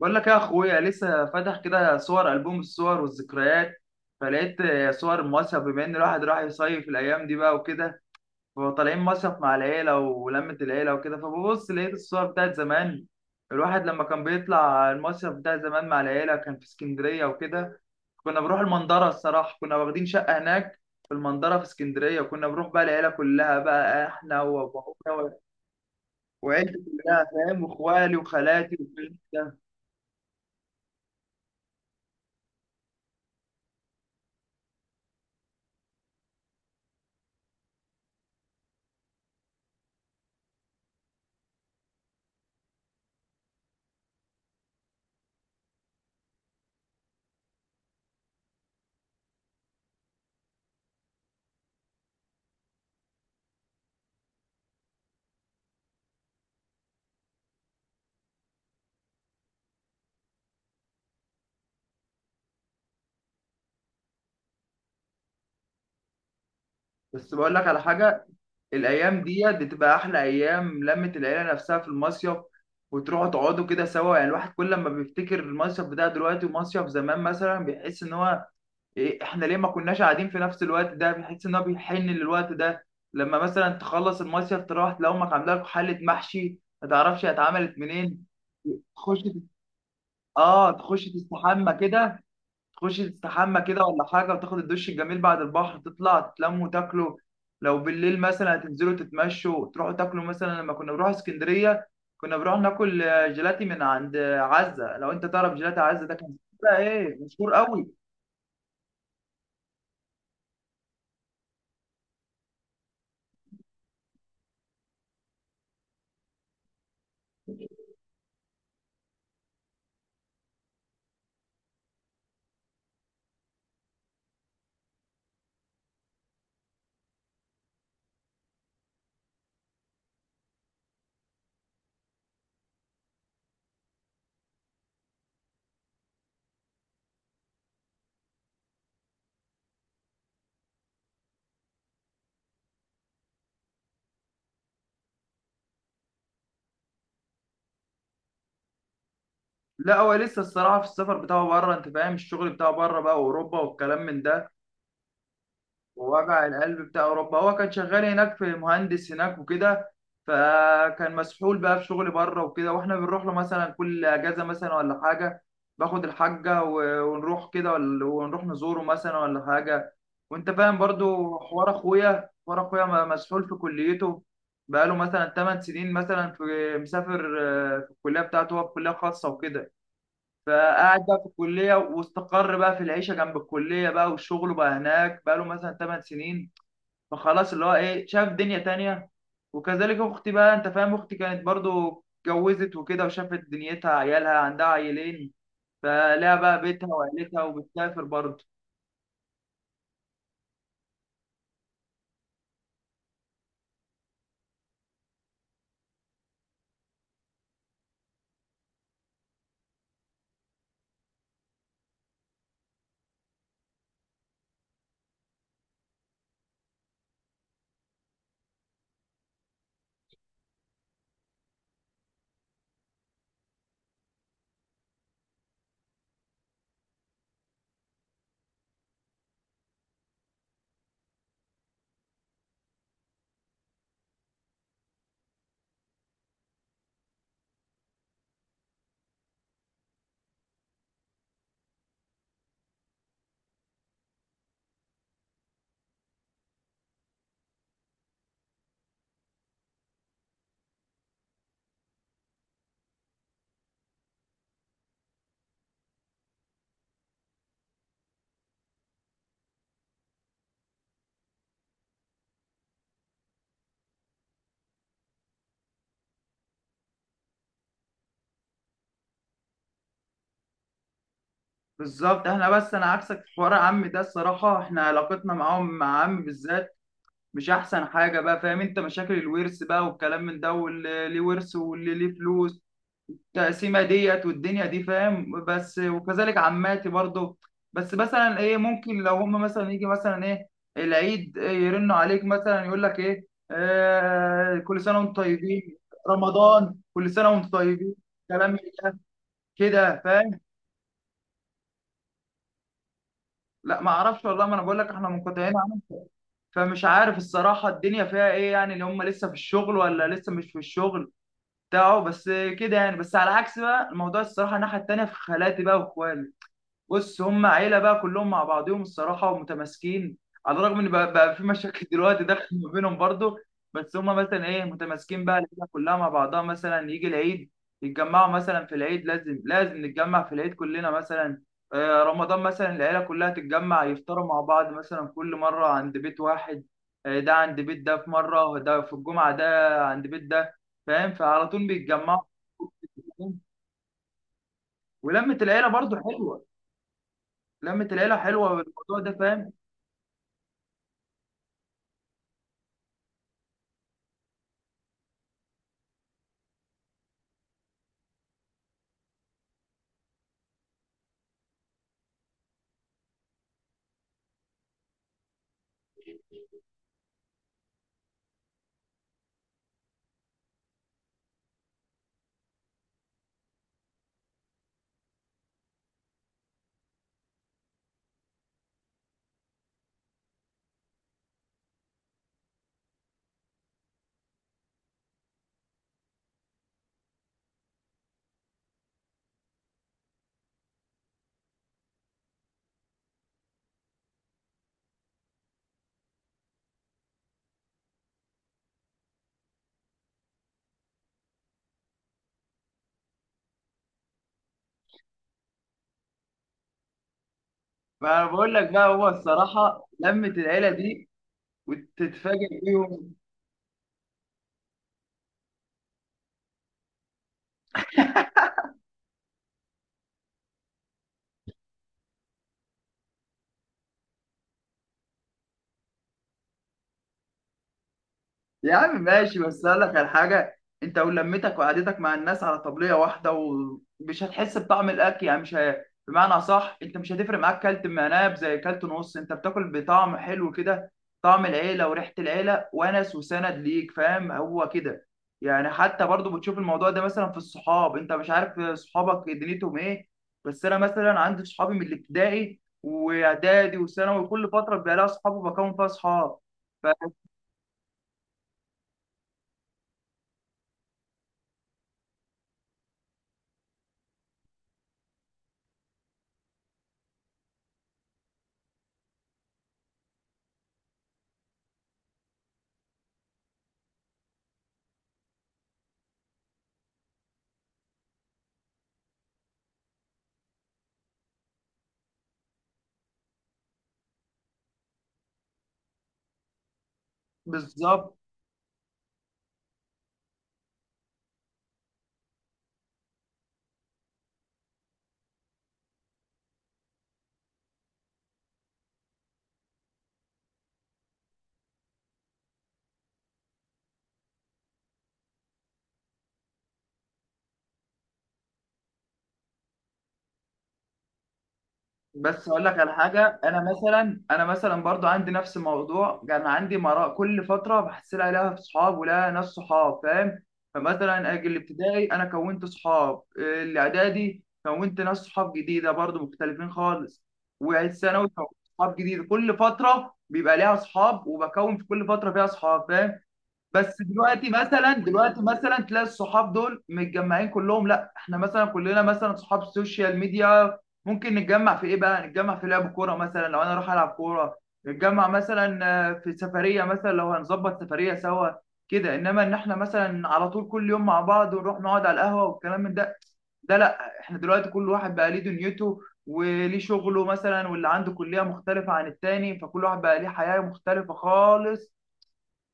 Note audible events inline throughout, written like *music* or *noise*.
بقول لك يا اخويا لسه فاتح كده صور البوم الصور والذكريات، فلقيت صور مصيف. بما ان الواحد راح يصيف الايام دي بقى وكده، فطالعين مصيف مع العيله ولمه العيله وكده. فببص لقيت الصور بتاعت زمان. الواحد لما كان بيطلع المصيف بتاع زمان مع العيله كان في اسكندريه وكده. كنا بنروح المنظره. الصراحه كنا واخدين شقه هناك في المنظره في اسكندريه، وكنا بنروح بقى العيله كلها بقى، احنا وابويا وعيلتي كلها فاهم، واخوالي وخالاتي وكده. بس بقول لك على حاجة: الأيام ديت بتبقى أحلى أيام لمة العيلة نفسها في المصيف، وتروحوا تقعدوا كده سوا. يعني الواحد كل ما بيفتكر المصيف بتاع دلوقتي ومصيف زمان مثلا بيحس إن هو إيه، إحنا ليه ما كناش قاعدين في نفس الوقت ده؟ بيحس إن هو بيحن للوقت ده. لما مثلا تخلص المصيف تروح تلاقي أمك عاملة لك حلة محشي ما تعرفش هي اتعملت منين. تخش تت- آه، تخش تستحمى كده. تخش تستحمى كده ولا حاجة، وتاخد الدش الجميل بعد البحر، تطلع تتلموا وتاكلوا. لو بالليل مثلا هتنزلوا تتمشوا تروحوا تاكلوا. مثلا لما كنا بنروح اسكندرية كنا بنروح ناكل جيلاتي من عند عزة. لو انت تعرف جيلاتي عزة ده كان بقى ايه، مشهور قوي. لا هو لسه الصراحة في السفر بتاعه بره، انت فاهم الشغل بتاعه بره بقى واوروبا والكلام من ده ووجع القلب بتاع اوروبا. هو كان شغال هناك، في مهندس هناك وكده، فكان مسحول بقى في شغل بره وكده. واحنا بنروح له مثلا كل اجازه مثلا ولا حاجه، ونروح كده ونروح نزوره مثلا ولا حاجه. وانت فاهم برضو حوار اخويا، حوار اخويا مسحول في كليته بقاله مثلا 8 سنين مثلا في مسافر، في الكليه بتاعته. هو في كليه خاصه وكده، فقعد بقى في الكلية واستقر بقى في العيشة جنب الكلية بقى، والشغل بقى هناك بقى له مثلا 8 سنين. فخلاص اللي هو إيه، شاف دنيا تانية. وكذلك أختي بقى، أنت فاهم، أختي كانت برضو اتجوزت وكده وشافت دنيتها، عيالها عندها عيلين، فلها بقى بيتها وعيلتها وبتسافر برضو. بالظبط. احنا بس انا عكسك في حوار عمي ده الصراحة. احنا علاقتنا معاهم، مع عمي بالذات، مش احسن حاجة بقى، فاهم، انت مشاكل الورث بقى والكلام من ده، واللي ليه ورث واللي ليه فلوس، التقسيمه ديت والدنيا دي فاهم. بس وكذلك عماتي برضو. بس مثلا ايه، ممكن لو هم مثلا يجي مثلا ايه، العيد، يرنوا عليك مثلا، يقول لك ايه، آه كل سنه وانتم طيبين، رمضان كل سنه وانتم طيبين، كلام من ده كده فاهم. لا ما اعرفش والله، ما انا بقول لك احنا منقطعين عنهم، فمش عارف الصراحه الدنيا فيها ايه يعني، اللي هم لسه في الشغل ولا لسه مش في الشغل بتاعه. بس كده يعني. بس على عكس بقى الموضوع الصراحه، الناحيه التانيه في خالاتي بقى واخوالي، بص، هم عيله بقى كلهم مع بعضهم الصراحه ومتماسكين، على الرغم ان بقى في مشاكل *laughs* دلوقتي داخل ما بينهم برضو. بس هم مثلا ايه، متماسكين بقى العيله كلها مع بعضها. مثلا يجي العيد يتجمعوا مثلا في العيد، لازم نتجمع في العيد كلنا مثلا. رمضان مثلا العيله كلها تتجمع يفطروا مع بعض، مثلا كل مره عند بيت واحد. ده عند بيت ده في مره، ده في الجمعه ده عند بيت ده، فاهم، فعلى طول بيتجمعوا. ولمة العيلة برضو حلوة. لمة العيلة حلوة بالموضوع ده فاهم. ما انا بقول لك بقى هو الصراحه لمه العيله دي وتتفاجئ بيهم. يا عم ماشي، بس اقول لك على حاجه: انت ولمتك وقعدتك مع الناس على طبليه واحده، ومش هتحس بطعم الاكل يعني. مش ه... بمعنى، صح انت مش هتفرق معاك كلت مناب زي كلت نص، انت بتاكل بطعم حلو كده، طعم العيله وريحه العيله ونس وسند ليك، فاهم، هو كده يعني. حتى برضو بتشوف الموضوع ده مثلا في الصحاب. انت مش عارف صحابك دنيتهم ايه، بس انا مثلا عندي صحابي من الابتدائي واعدادي وثانوي، كل فتره بيبقى لها صحاب وبكون فيها صحاب. ف- بالظبط. بس اقول لك على حاجه: انا مثلا برضو عندي نفس الموضوع، كان عندي مراء كل فتره بحصل عليها في صحاب ولا ناس صحاب فاهم. فمثلا اجي الابتدائي انا كونت صحاب، الاعدادي كونت ناس صحاب جديده برضو مختلفين خالص، والثانوي كونت صحاب جديده. كل فتره بيبقى ليها صحاب وبكون في كل فتره فيها صحاب فاهم. بس دلوقتي مثلا، دلوقتي مثلا تلاقي الصحاب دول متجمعين كلهم، لا. احنا مثلا كلنا مثلا صحاب السوشيال ميديا، ممكن نتجمع في ايه بقى، نتجمع في لعب كوره مثلا لو انا اروح العب كوره، نتجمع مثلا في سفريه مثلا لو هنظبط سفريه سوا كده. انما ان احنا مثلا على طول كل يوم مع بعض ونروح نقعد على القهوه والكلام من ده، ده لا. احنا دلوقتي كل واحد بقى ليه دنيته وليه شغله مثلا، واللي عنده كليه مختلفه عن التاني، فكل واحد بقى ليه حياه مختلفه خالص.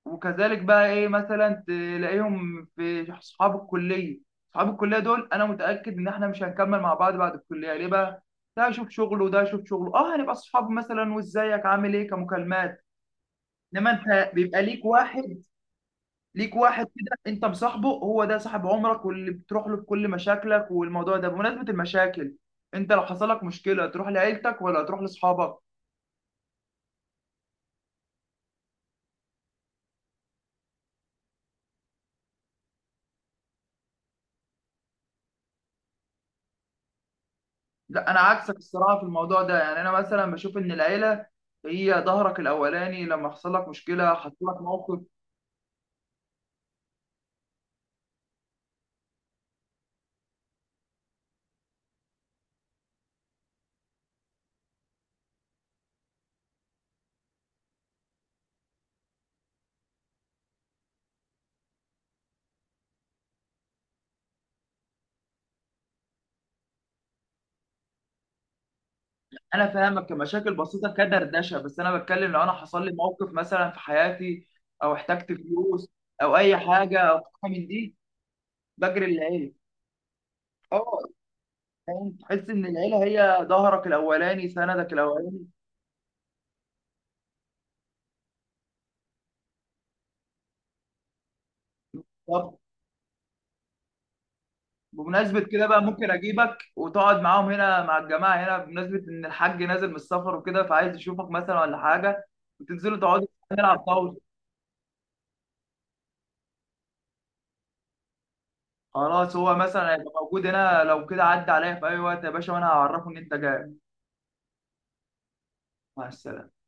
وكذلك بقى ايه مثلا تلاقيهم في اصحاب الكليه. اصحاب الكليه دول انا متاكد ان احنا مش هنكمل مع بعض بعد الكليه. ليه بقى؟ ده يشوف شغله وده يشوف شغله. اه هنبقى اصحاب مثلا، وازيك عامل ايه، كمكالمات. انما انت بيبقى ليك واحد كده انت مصاحبه، هو ده صاحب عمرك واللي بتروح له بكل مشاكلك. والموضوع ده بمناسبه المشاكل: انت لو حصل لك مشكله تروح لعيلتك ولا تروح لاصحابك؟ لا انا عكسك الصراحه في الموضوع ده. يعني انا مثلا بشوف ان العيله هي ظهرك الاولاني لما حصل لك مشكله، حصل لك موقف. انا فاهمك كمشاكل بسيطه كدردشه، بس انا بتكلم لو انا حصل لي موقف مثلا في حياتي او احتجت فلوس او اي حاجه او حاجه من دي، بجري للعيله. اه. فاهم؟ تحس ان العيله هي ظهرك الاولاني، سندك الاولاني. بمناسبة كده بقى، ممكن أجيبك وتقعد معاهم هنا مع الجماعة هنا بمناسبة إن الحاج نازل من السفر وكده، فعايز يشوفك مثلا ولا حاجة، وتنزلوا تقعدوا نلعب طاولة. خلاص، هو مثلا هيبقى موجود هنا. لو كده عدى عليا في أي وقت يا باشا وأنا هعرفه إن أنت جاي. مع السلامة.